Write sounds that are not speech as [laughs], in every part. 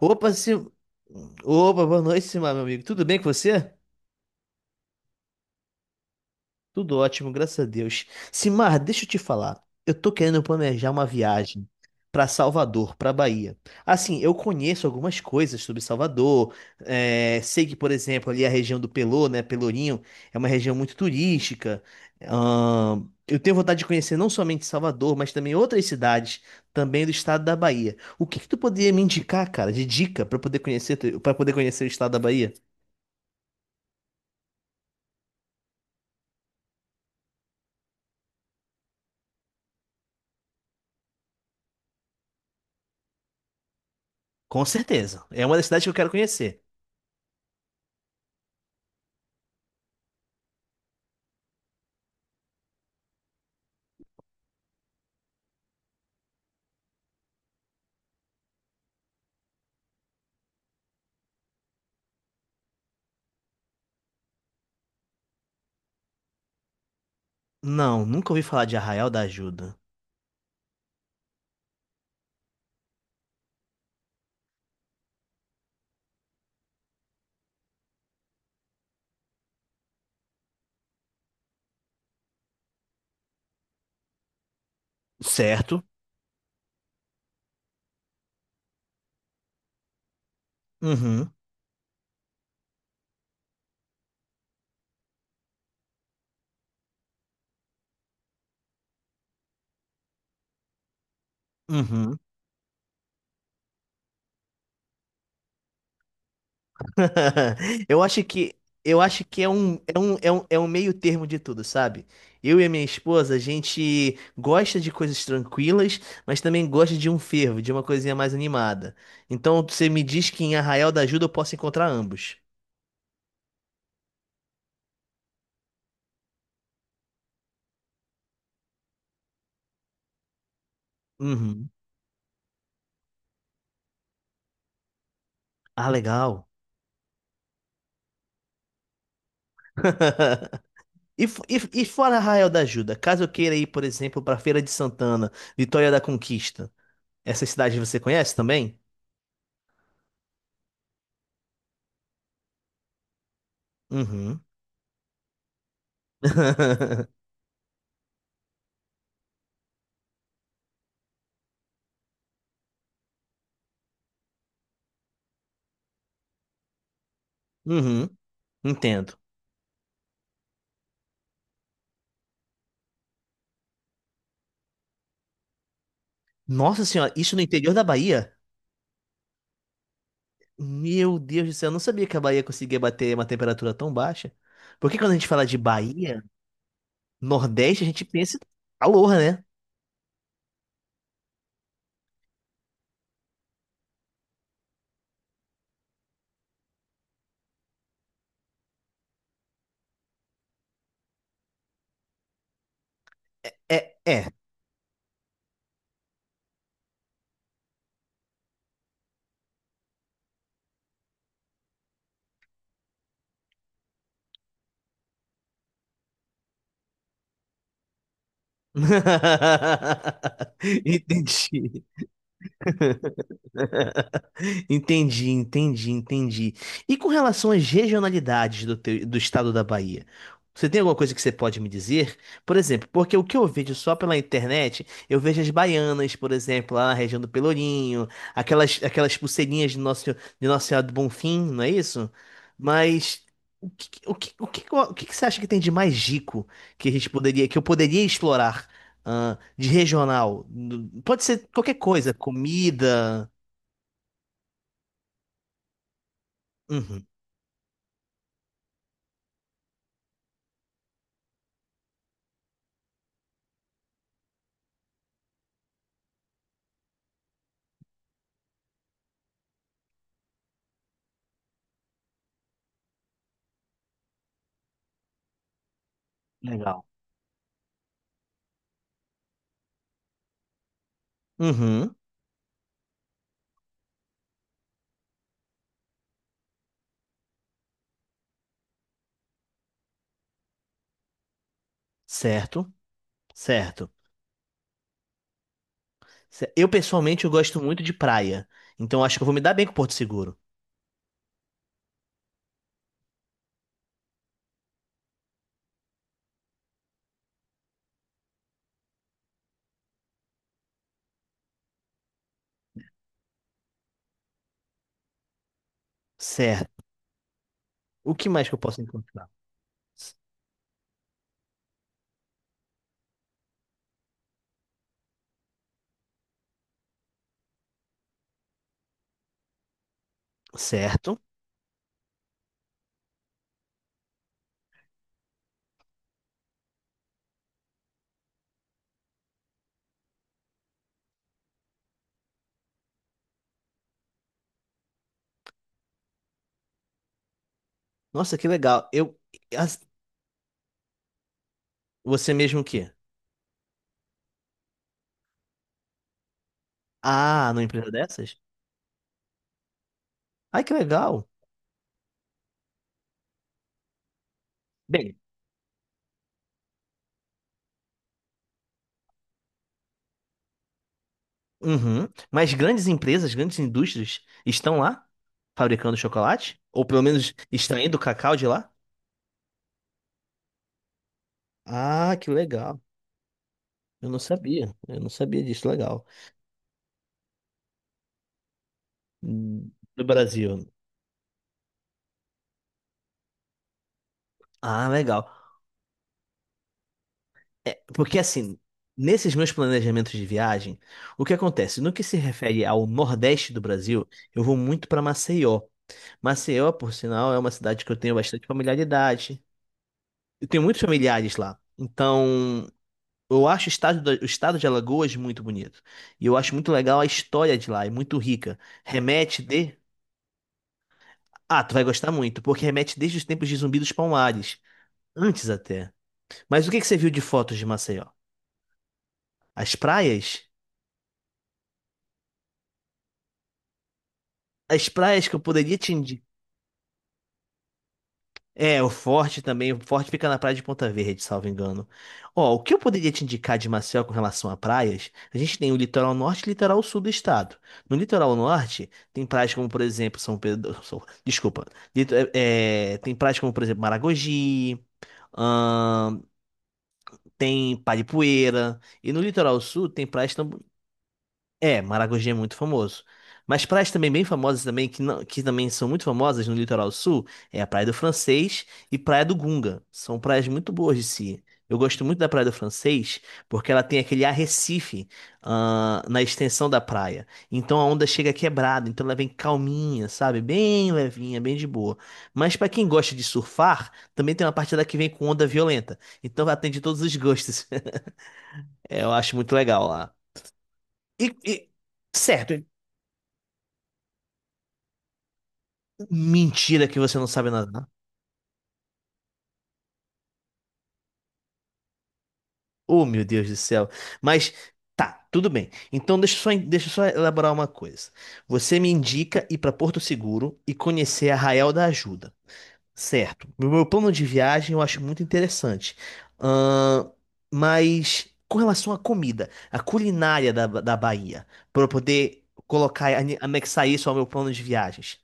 Opa, Opa, boa noite, Simar, meu amigo. Tudo bem com você? Tudo ótimo, graças a Deus. Simar, deixa eu te falar. Eu tô querendo planejar uma viagem pra Salvador, pra Bahia. Assim, eu conheço algumas coisas sobre Salvador. É, sei que, por exemplo, ali a região do Pelô, né, Pelourinho, é uma região muito turística. Eu tenho vontade de conhecer não somente Salvador, mas também outras cidades também do estado da Bahia. O que que tu poderia me indicar, cara, de dica pra eu poder para poder conhecer o estado da Bahia? Com certeza. É uma das cidades que eu quero conhecer. Não, nunca ouvi falar de Arraial da Ajuda. Certo. Uhum. Uhum. [laughs] Eu acho que eu acho que é um meio termo de tudo, sabe? Eu e a minha esposa, a gente gosta de coisas tranquilas, mas também gosta de um fervo, de uma coisinha mais animada. Então você me diz que em Arraial da Ajuda eu posso encontrar ambos. Uhum. Ah, legal. [laughs] E fora Arraial da Ajuda, caso eu queira ir, por exemplo, para Feira de Santana, Vitória da Conquista, essas cidades você conhece também? Uhum. [laughs] Uhum, entendo. Nossa senhora, isso no interior da Bahia? Meu Deus do céu, eu não sabia que a Bahia conseguia bater uma temperatura tão baixa. Porque quando a gente fala de Bahia, Nordeste, a gente pensa em calor, né? É, é. [laughs] Entendi. Entendi, entendi, entendi. E com relação às regionalidades do estado da Bahia, você tem alguma coisa que você pode me dizer? Por exemplo, porque o que eu vejo só pela internet, eu vejo as baianas, por exemplo, lá na região do Pelourinho, aquelas, aquelas pulseirinhas de Nossa Senhora do Bonfim, não é isso? Mas o que você acha que tem de mais rico que a gente que eu poderia explorar, de regional? Pode ser qualquer coisa, comida. Uhum, legal. Uhum, certo, certo. Eu pessoalmente eu gosto muito de praia, então acho que eu vou me dar bem com Porto Seguro. Certo. O que mais que eu posso encontrar? C- Certo. Nossa, que legal. As- Você mesmo o quê? Ah, numa empresa dessas? Ai, que legal. Bem, uhum. Mas grandes empresas, grandes indústrias estão lá fabricando chocolate? Ou pelo menos extraindo o cacau de lá? Ah, que legal. Eu não sabia. Eu não sabia disso. Legal. Hum, Do Brasil. Ah, legal. É, porque assim, nesses meus planejamentos de viagem, o que acontece? No que se refere ao Nordeste do Brasil, eu vou muito para Maceió. Maceió, por sinal, é uma cidade que eu tenho bastante familiaridade. Eu tenho muitos familiares lá. Então, eu acho o o estado de Alagoas muito bonito. E eu acho muito legal a história de lá, é muito rica. Remete de. Ah, tu vai gostar muito, porque remete desde os tempos de Zumbi dos Palmares. Antes até. Mas o que que você viu de fotos de Maceió? As praias? As praias que eu poderia te indicar. É, o Forte também. O Forte fica na praia de Ponta Verde, salvo engano. Ó, o que eu poderia te indicar de Maceió com relação a praias? A gente tem o litoral norte e o litoral sul do estado. No litoral norte, tem praias como, por exemplo, São Pedro. [laughs] Desculpa. Tem praias como, por exemplo, Maragogi. ahn, Tem Paripueira. E no litoral sul, tem É, Maragogi é muito famoso. Mas praias também bem famosas também, que, não, que também são muito famosas no litoral sul, é a Praia do Francês e Praia do Gunga. São praias muito boas de se ir. Eu gosto muito da Praia do Francês porque ela tem aquele arrecife, na extensão da praia. Então a onda chega quebrada, então ela vem calminha, sabe? Bem levinha, bem de boa. Mas pra quem gosta de surfar, também tem uma parte lá que vem com onda violenta. Então atende todos os gostos. [laughs] É, eu acho muito legal lá. E, e- Certo. Mentira que você não sabe nadar. Oh, meu Deus do céu. Mas tá, tudo bem. Então deixa eu só elaborar uma coisa. Você me indica ir para Porto Seguro e conhecer Arraial da Ajuda, certo? No meu plano de viagem eu acho muito interessante. Ahn, mas com relação à comida, a culinária da Bahia, para eu poder anexar isso ao meu plano de viagens,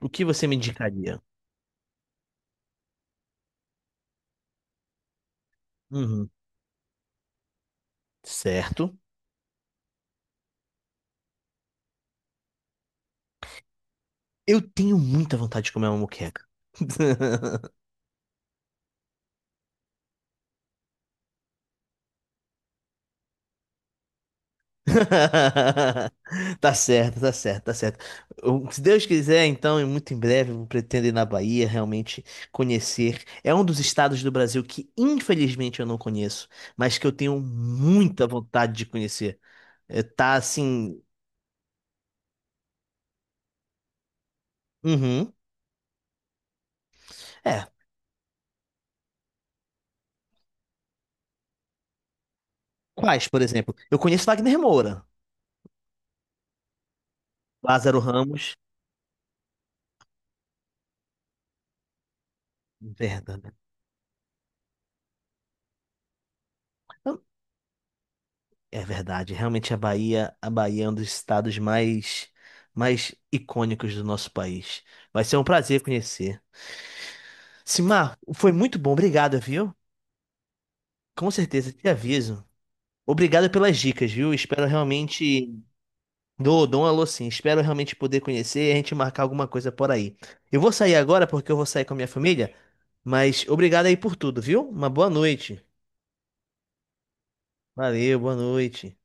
o que você me indicaria? Uhum, certo. Eu tenho muita vontade de comer uma moqueca. [laughs] Tá certo, tá certo, tá certo. Se Deus quiser, então, e muito em breve, eu pretendo ir na Bahia realmente conhecer. É um dos estados do Brasil que, infelizmente, eu não conheço, mas que eu tenho muita vontade de conhecer. É, tá assim. Uhum. É. Quais, por exemplo? Eu conheço Wagner Moura, Lázaro Ramos. Verdade. É verdade, realmente a Bahia é um dos estados mais icônicos do nosso país. Vai ser um prazer conhecer. Simar, foi muito bom, obrigado, viu? Com certeza, te aviso. Obrigado pelas dicas, viu? Espero realmente. Dou, dou um alô sim. Espero realmente poder conhecer e a gente marcar alguma coisa por aí. Eu vou sair agora porque eu vou sair com a minha família, mas obrigado aí por tudo, viu? Uma boa noite. Valeu, boa noite.